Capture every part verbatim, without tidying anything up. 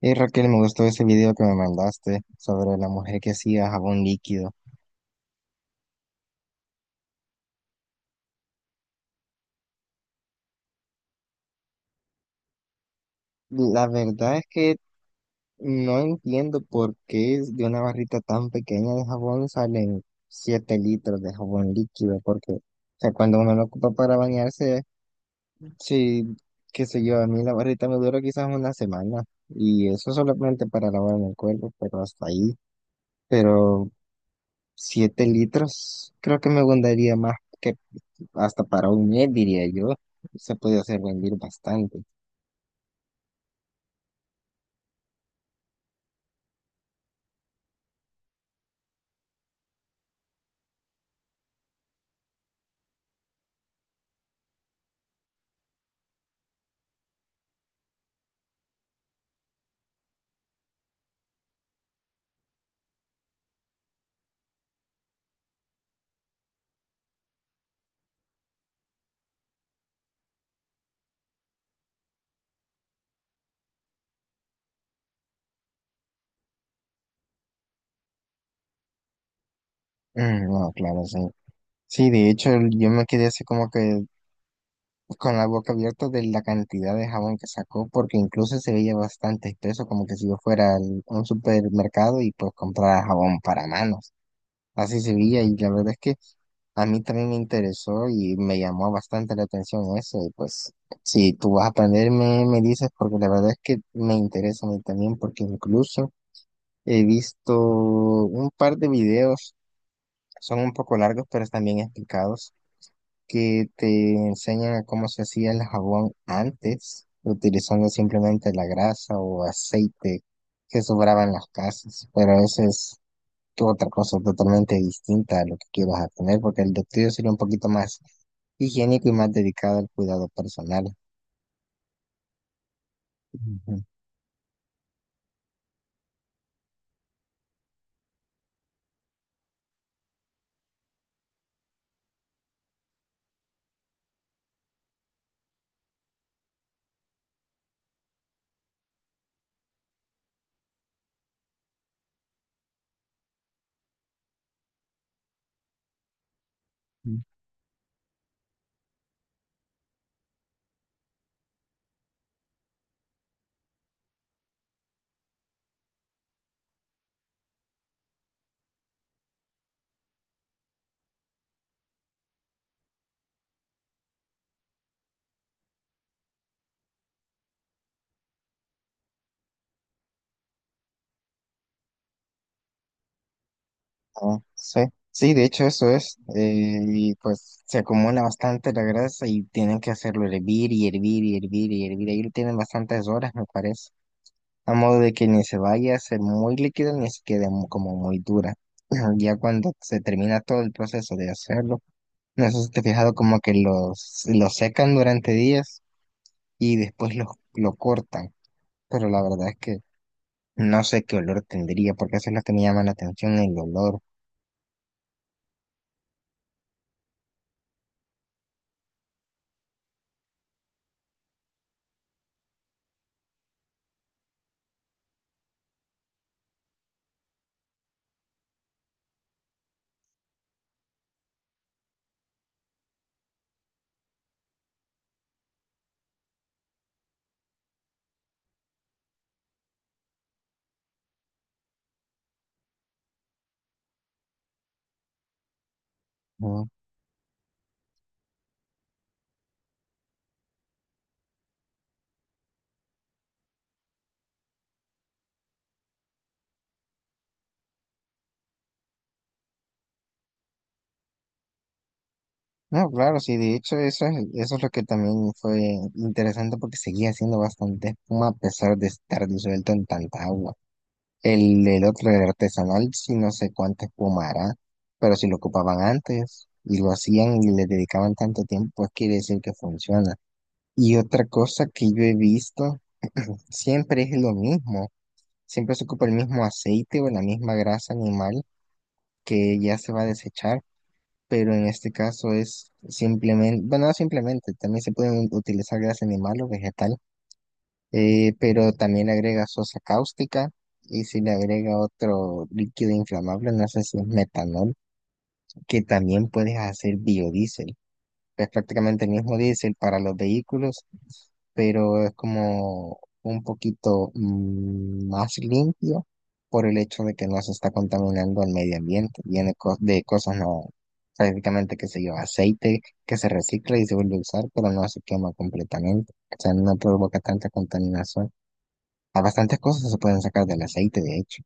Hey Raquel, me gustó ese video que me mandaste sobre la mujer que hacía jabón líquido. La verdad es que no entiendo por qué de una barrita tan pequeña de jabón salen siete litros de jabón líquido, porque o sea, cuando uno lo ocupa para bañarse, sí, qué sé yo, a mí la barrita me dura quizás una semana y eso solamente para lavarme el cuerpo, pero hasta ahí. Pero siete litros creo que me gustaría más, que hasta para un mes, diría yo, se podía hacer rendir bastante. Mm, no, claro, sí. Sí, de hecho, el- yo me quedé así como que con la boca abierta de la cantidad de jabón que sacó, porque incluso se veía bastante espeso, como que si yo fuera al- a un supermercado y pues comprara jabón para manos. Así se veía y la verdad es que a mí también me interesó y me llamó bastante la atención eso. Y pues, si tú vas a aprender, me, me dices, porque la verdad es que me interesa a mí también, porque incluso he visto un par de videos, son un poco largos, pero están bien explicados, que te enseñan a cómo se hacía el jabón antes, utilizando simplemente la grasa o aceite que sobraba en las casas. Pero esa es otra cosa totalmente distinta a lo que quieras a tener, porque el de tuyo sería un poquito más higiénico y más dedicado al cuidado personal. Ujú. Ah, sí, sí, de hecho eso es, eh, y pues se acumula bastante la grasa y tienen que hacerlo hervir y hervir y hervir y hervir, ahí lo tienen bastantes horas me parece, a modo de que ni se vaya a ser muy líquida ni se quede mu- como muy dura. Ya cuando se termina todo el proceso de hacerlo, no sé si te has fijado como que los, los secan durante días y después los lo cortan, pero la verdad es que no sé qué olor tendría, porque eso es lo que me llama la atención, el olor. ¿No? No, claro, sí, de hecho eso es, eso es lo que también fue interesante porque seguía haciendo bastante espuma a pesar de estar disuelto en tanta agua. El, el otro, el artesanal, sí no sé cuánta espuma hará, pero si lo ocupaban antes y lo hacían y le dedicaban tanto tiempo, pues quiere decir que funciona. Y otra cosa que yo he visto, siempre es lo mismo, siempre se ocupa el mismo aceite o la misma grasa animal que ya se va a desechar, pero en este caso es simplemente, bueno, no simplemente, también se pueden utilizar grasa animal o vegetal, eh, pero también le agrega sosa cáustica y si le agrega otro líquido inflamable, no sé si es metanol, que también puedes hacer biodiesel. Es prácticamente el mismo diésel para los vehículos, pero es como un poquito mm, más limpio por el hecho de que no se está contaminando al medio ambiente. Viene co- de cosas no, prácticamente, qué sé yo, aceite que se recicla y se vuelve a usar, pero no se quema completamente. O sea, no provoca tanta contaminación. A bastantes cosas se pueden sacar del aceite, de hecho.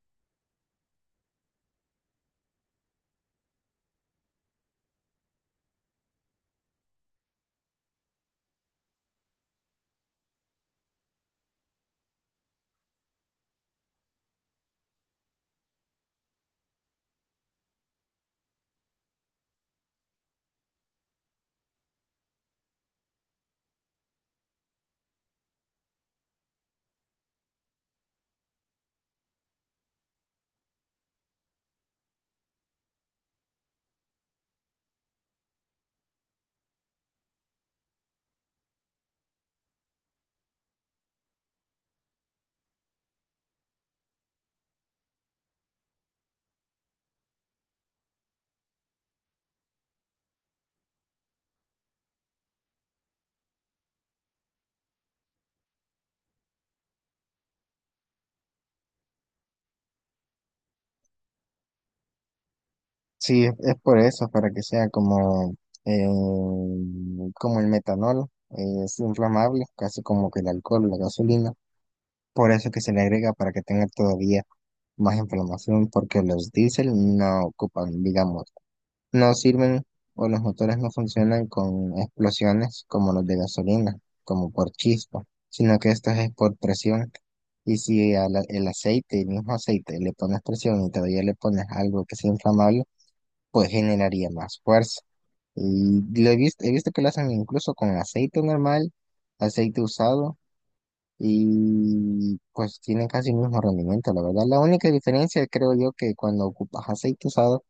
Sí, es, es por eso, para que sea como, eh, como el metanol, eh, es inflamable, casi como que el alcohol, la gasolina. Por eso que se le agrega para que tenga todavía más inflamación, porque los diésel no ocupan, digamos, no sirven o los motores no funcionan con explosiones como los de gasolina, como por chispa, sino que esto es por presión. Y si al- el aceite, el mismo aceite, le pones presión y todavía le pones algo que sea inflamable, pues generaría más fuerza. Y lo he visto, he visto que lo hacen incluso con aceite normal, aceite usado, y pues tienen casi el mismo rendimiento, la verdad. La única diferencia creo yo que cuando ocupas aceite usado,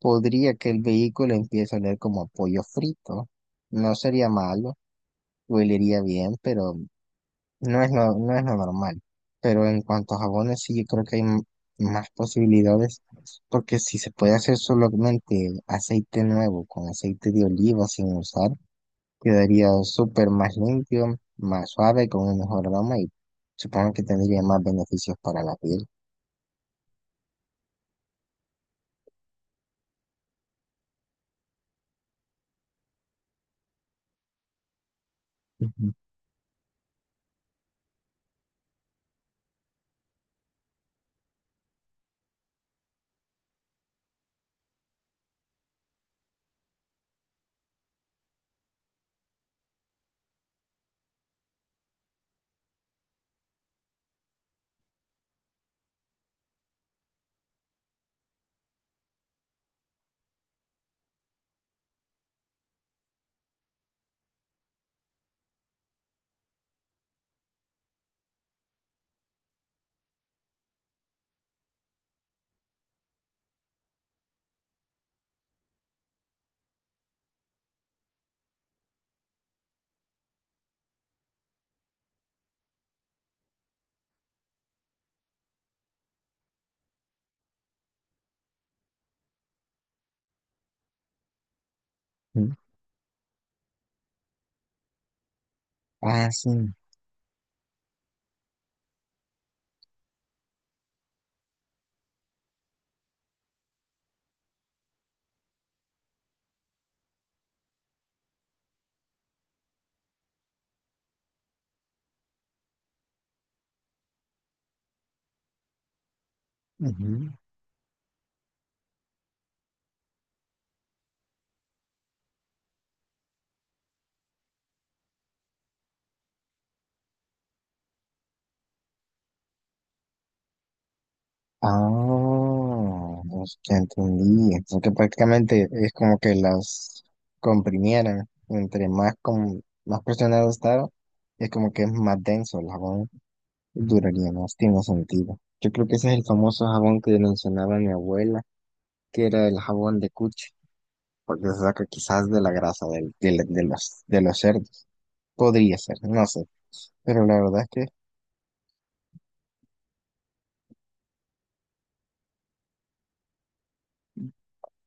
podría que el vehículo empiece a oler como a pollo frito. No sería malo, olería bien, pero no es lo, no es lo normal, pero en cuanto a jabones, sí, yo creo que hay m- más posibilidades, porque si se puede hacer solamente aceite nuevo con aceite de oliva sin usar, quedaría súper más limpio, más suave, con un mejor aroma y supongo que tendría más beneficios para la piel. Ujú, ujú. Ah, sí. Ujú. Ah, ya entendí. Entonces que prácticamente es como que las comprimieran. Entre más, con, más presionado estaba, es como que es más denso el jabón. Duraría más, tiene sentido. Yo creo que ese es el famoso jabón que mencionaba mi abuela, que era el jabón de cuche, porque se saca quizás de la grasa del, del- de los, de los cerdos. Podría ser, no sé. Pero la verdad es que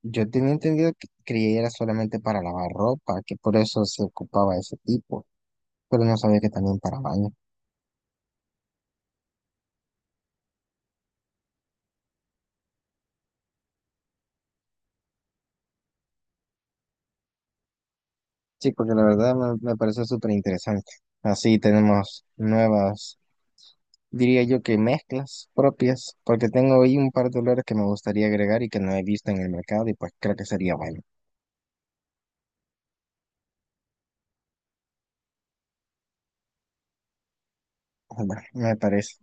yo tenía entendido que creía era solamente para lavar ropa, que por eso se ocupaba ese tipo, pero no sabía que también para baño. Sí, porque la verdad me, me parece súper interesante. Así tenemos nuevas, diría yo que mezclas propias, porque tengo ahí un par de olores que me gustaría agregar y que no he visto en el mercado y pues creo que sería bueno. Bueno, me parece.